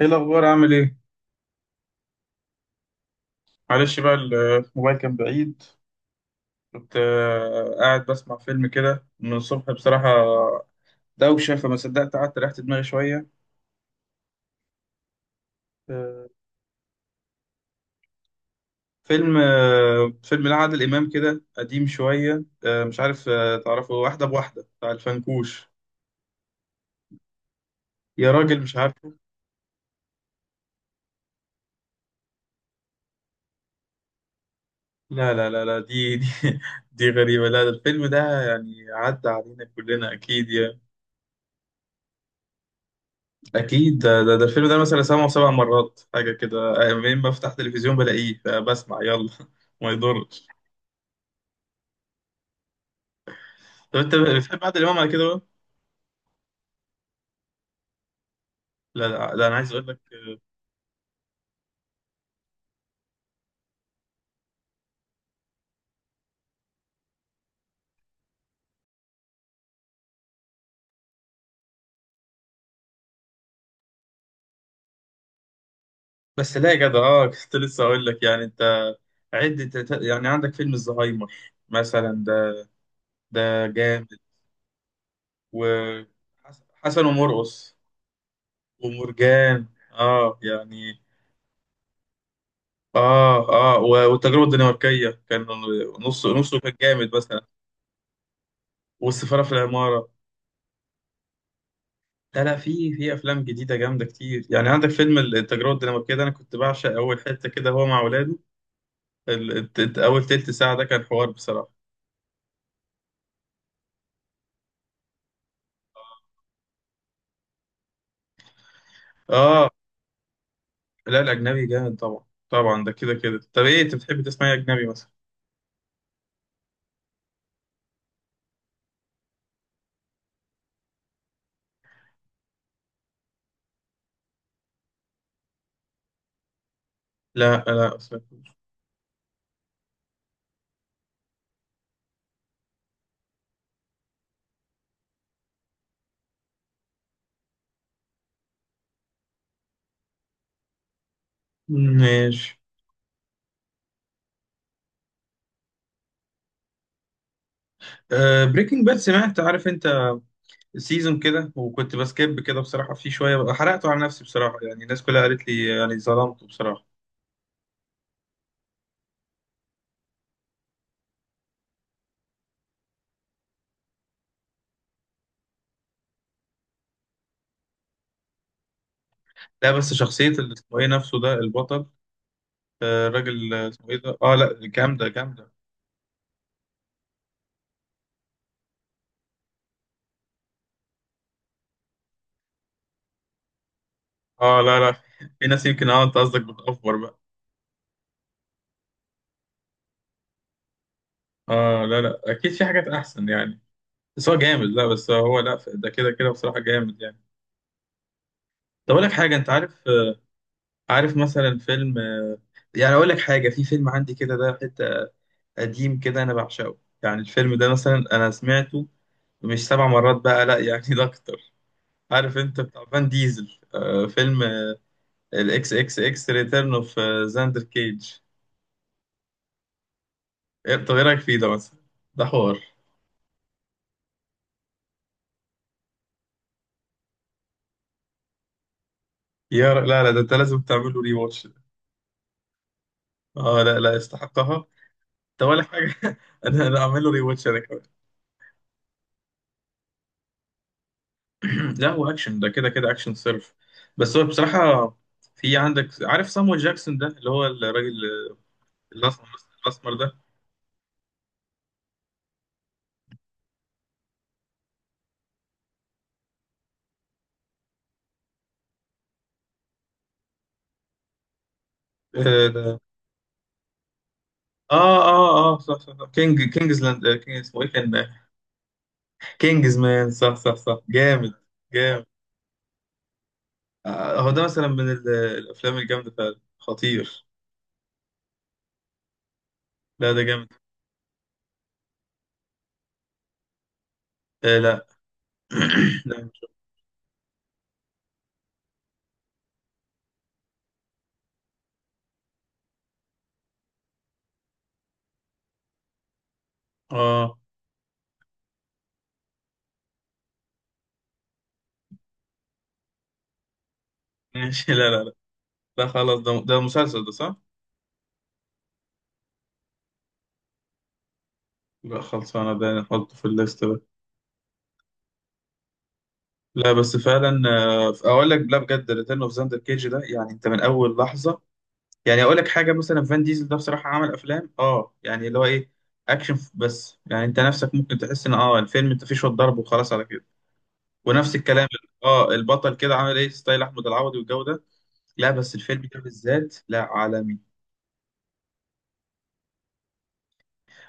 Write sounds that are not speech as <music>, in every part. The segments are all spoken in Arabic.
ايه الاخبار، عامل ايه؟ معلش بقى، الموبايل كان بعيد. كنت قاعد بسمع فيلم كده من الصبح بصراحه. دوشه، فما صدقت قعدت ريحت دماغي شويه. آه، فيلم لعادل امام كده قديم شويه، مش عارف، تعرفه؟ واحده بواحده بتاع الفنكوش. يا راجل مش عارفه؟ لا لا لا لا دي دي <laughs> دي غريبه. لا، ده الفيلم ده يعني عدى علينا كلنا اكيد. اكيد ده الفيلم ده مثلا سبع مرات حاجه كده. منين بفتح تلفزيون بلاقيه فبسمع، يلا. <laughs> ما يضرش. طب انت بتحب عادل امام على كده بقى؟ لا لا، لا انا عايز اقول لك. بس لا يا جدع، كنت لسه اقول لك يعني انت. عد يعني عندك فيلم الزهايمر مثلا ده، ده جامد. وحسن ومرقص. ومرجان اه يعني. اه. اه والتجربه الدنماركيه كان نصه كان جامد مثلا، والسفاره في العماره. لا لا، في افلام جديده جامده كتير. يعني عندك فيلم التجربه الدنماركيه ده، انا كنت بعشق اول حته كده، هو مع اولاده. اول تلت ساعه ده كان حوار بصراحه. اه لا الاجنبي جامد طبعا طبعا، ده كده كده. طب ايه انت بتحب تسمع إيه اجنبي مثلا؟ لا لا أصلاً. ماشي. آه، بريكنج باد سمعت، عارف انت. سيزون كده، وكنت بسكيب كده بصراحه في شويه بقى، حرقته على نفسي بصراحه، يعني الناس كلها قالت لي، يعني ظلمته بصراحه. لا بس شخصيه اللي اسمه ايه نفسه ده، البطل. الراجل، اسمه ايه ده؟ اه لا جامده جامده. اه لا لا، في ناس يمكن. اه انت قصدك بتأفور بقى. اه لا لا، اكيد في حاجات احسن يعني. بس هو جامد، لا بس هو، لا ده كده كده بصراحة جامد يعني. طب اقول لك حاجة، انت عارف؟ عارف مثلا فيلم، يعني اقول لك حاجة، في فيلم عندي كده، ده حتة قديم كده انا بعشقه، يعني الفيلم ده مثلا انا سمعته مش 7 مرات بقى، لا يعني <laughs> ده اكتر. عارف انت بتاع فان ديزل؟ فيلم الاكس اكس اكس ريتيرن اوف زاندر كيج. إيه، طب ايه رأيك فيه ده مثلا؟ ده حوار. لا لا، ده انت لازم تعمل له ري واتش. اه لا لا يستحقها. ده ولا حاجه <laughs> انا اعمل له ري واتش انا كمان. <clears throat> لا هو اكشن، ده كده كده اكشن صرف. بس هو بصراحه، في عندك عارف سامويل جاكسون ده اللي هو الراجل الاسمر، ده. اه اه اه، صح صح صح، كينج كينجزلاند آه، كينج اسمه ايه كان آه، كينجز مان، صح صح صح جامد جامد. هو ده مثلا من الافلام الجامده فعلا، خطير. لا ده جامد. آه لا. <clears throat> لا اه ماشي. لا لا. لا خلاص، ده مسلسل ده صح؟ لا خلاص انا ده احطه في الليست ده. لا بس فعلا، اقول لك لا بجد، ريتيرن اوف زاندر كيج ده يعني انت من اول لحظه، يعني اقول لك حاجه مثلا، فان ديزل ده بصراحه عمل افلام، اه يعني اللي هو ايه، اكشن، بس يعني انت نفسك ممكن تحس ان الفيلم انت فيه شويه ضرب وخلاص على كده ونفس الكلام. اه البطل كده عامل ايه ستايل احمد العوضي والجو ده. لا بس الفيلم ده بالذات، لا عالمي.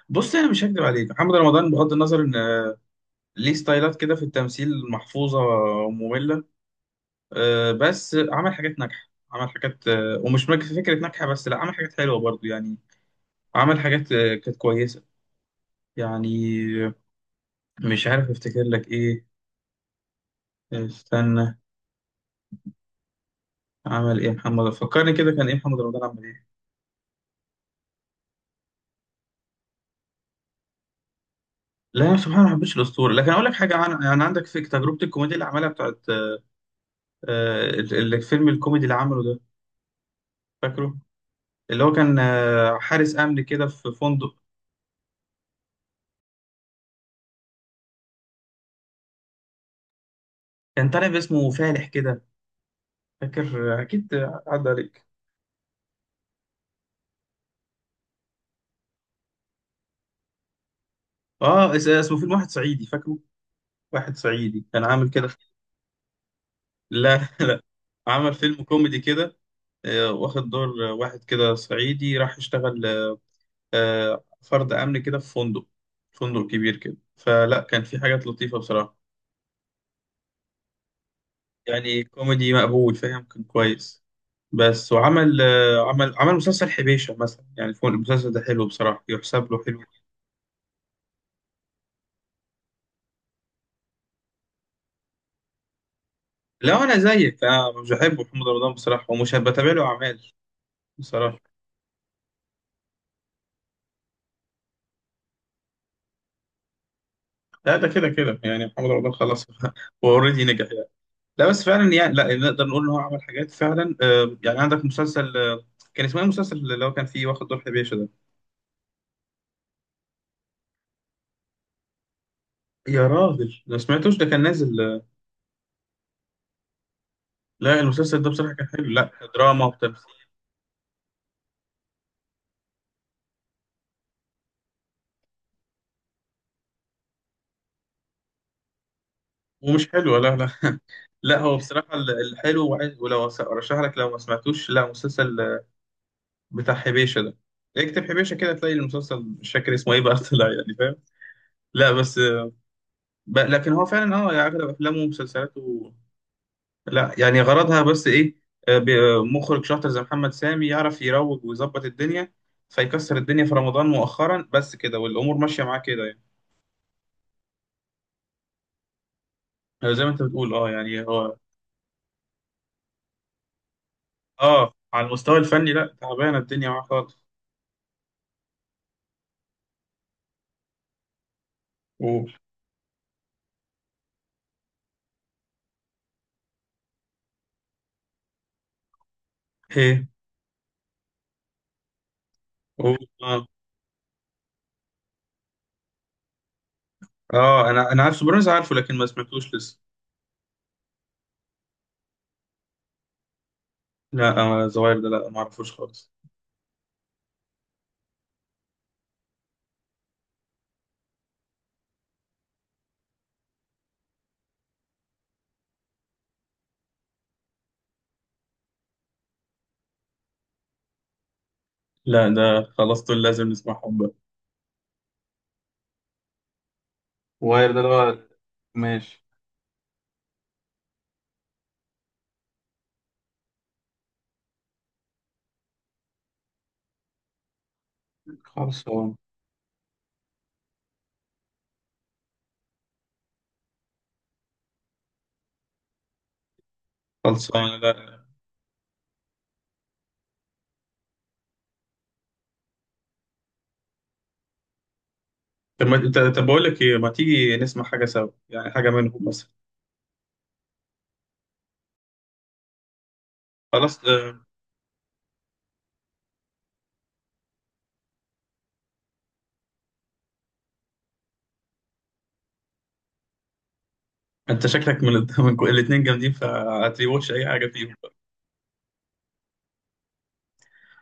بص، انا مش هكدب عليك، محمد رمضان بغض النظر ان ليه ستايلات كده في التمثيل محفوظه وممله، بس عمل حاجات ناجحة، عمل حاجات، ومش فكرة ناجحة. بس لا عمل حاجات حلوة برضو يعني، عمل حاجات كانت كويسة يعني. آه، مش عارف افتكر لك ايه. استنى، عمل ايه محمد، فكرني كده، كان ايه محمد رمضان عمل ايه؟ لا سبحان الله، ما حبيتش الاسطوره. لكن اقول لك حاجه، عن يعني عندك في تجربه الكوميديا اللي عملها بتاعت الفيلم الكوميدي اللي عمله ده، فاكره؟ اللي هو كان حارس امن كده في فندق، كان طالع باسمه فالح كده. فاكر؟ اكيد عدى عليك. اه اسمه فيلم واحد صعيدي، فاكره؟ واحد صعيدي كان عامل كده. لا <laughs> لا، عمل فيلم كوميدي كده، واخد دور واحد كده صعيدي راح يشتغل فرد أمن كده في فندق، فندق كبير كده. فلا كان في حاجات لطيفة بصراحة، يعني كوميدي مقبول، فاهم، كان كويس. بس وعمل عمل مسلسل حبيشة مثلا، يعني فوق، المسلسل ده حلو بصراحة، يحسب له حلو. لا أنا زيك، أنا مش بحب محمد رمضان بصراحة، ومش بتابع له أعمال. بصراحة لا، ده كده كده يعني، محمد رمضان خلاص <laughs> هو اوريدي نجح. لا بس فعلا يعني، لا نقدر نقول ان هو عمل حاجات فعلا، يعني عندك مسلسل، كان اسمه ايه المسلسل اللي هو كان فيه واخد دور حبيشه ده؟ يا راجل ما سمعتوش؟ ده كان نازل، لا المسلسل ده بصراحه كان حلو، لا دراما وتمثيل. ومش حلو لا لا. لا هو بصراحه الحلو ولو ارشح لك لو ما سمعتوش، لا مسلسل بتاع حبيشه ده، اكتب حبيشه كده تلاقي المسلسل، مش فاكر اسمه ايه بقى <laughs> طلع يعني، فاهم؟ لا بس آه، ب- لكن هو فعلا، اه يعني اغلب افلامه ومسلسلاته لا يعني غرضها بس ايه، مخرج شاطر زي محمد سامي يعرف يروج ويظبط الدنيا، فيكسر الدنيا في رمضان مؤخرا، بس كده والامور ماشيه معاه كده يعني. زي ما انت بتقول، اه يعني هو، اه على المستوى الفني لا، تعبانه الدنيا معاه خالص. قول ايه؟ قول اه. اه انا عارف سوبرانوس عارفه، لكن ما سمعتوش لسه. لا آه، زواير ده لا ما اعرفوش خالص. لا ده خلاص، دول لازم نسمعهم بقى. واير ده اللي هو ماشي. خلصان. خلصانه لا. طب ما انت، طب بقول لك ايه، ما تيجي نسمع حاجه سوا، يعني حاجه منهم مثلا. خلاص اه، انت شكلك <laughs> من الاثنين جامدين، فهتريوش اي حاجه فيهم.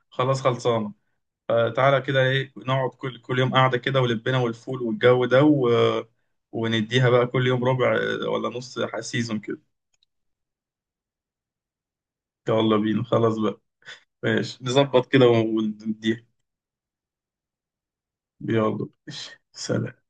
خلاص خلصانه. فتعالى كده ايه، نقعد كل يوم قاعده كده ولبنا والفول والجو ده و... ونديها بقى كل يوم ربع، اه، ولا سيزون كده. يلا بينا خلاص بقى ماشي نظبط كده ونديها يلا ماشي. سلام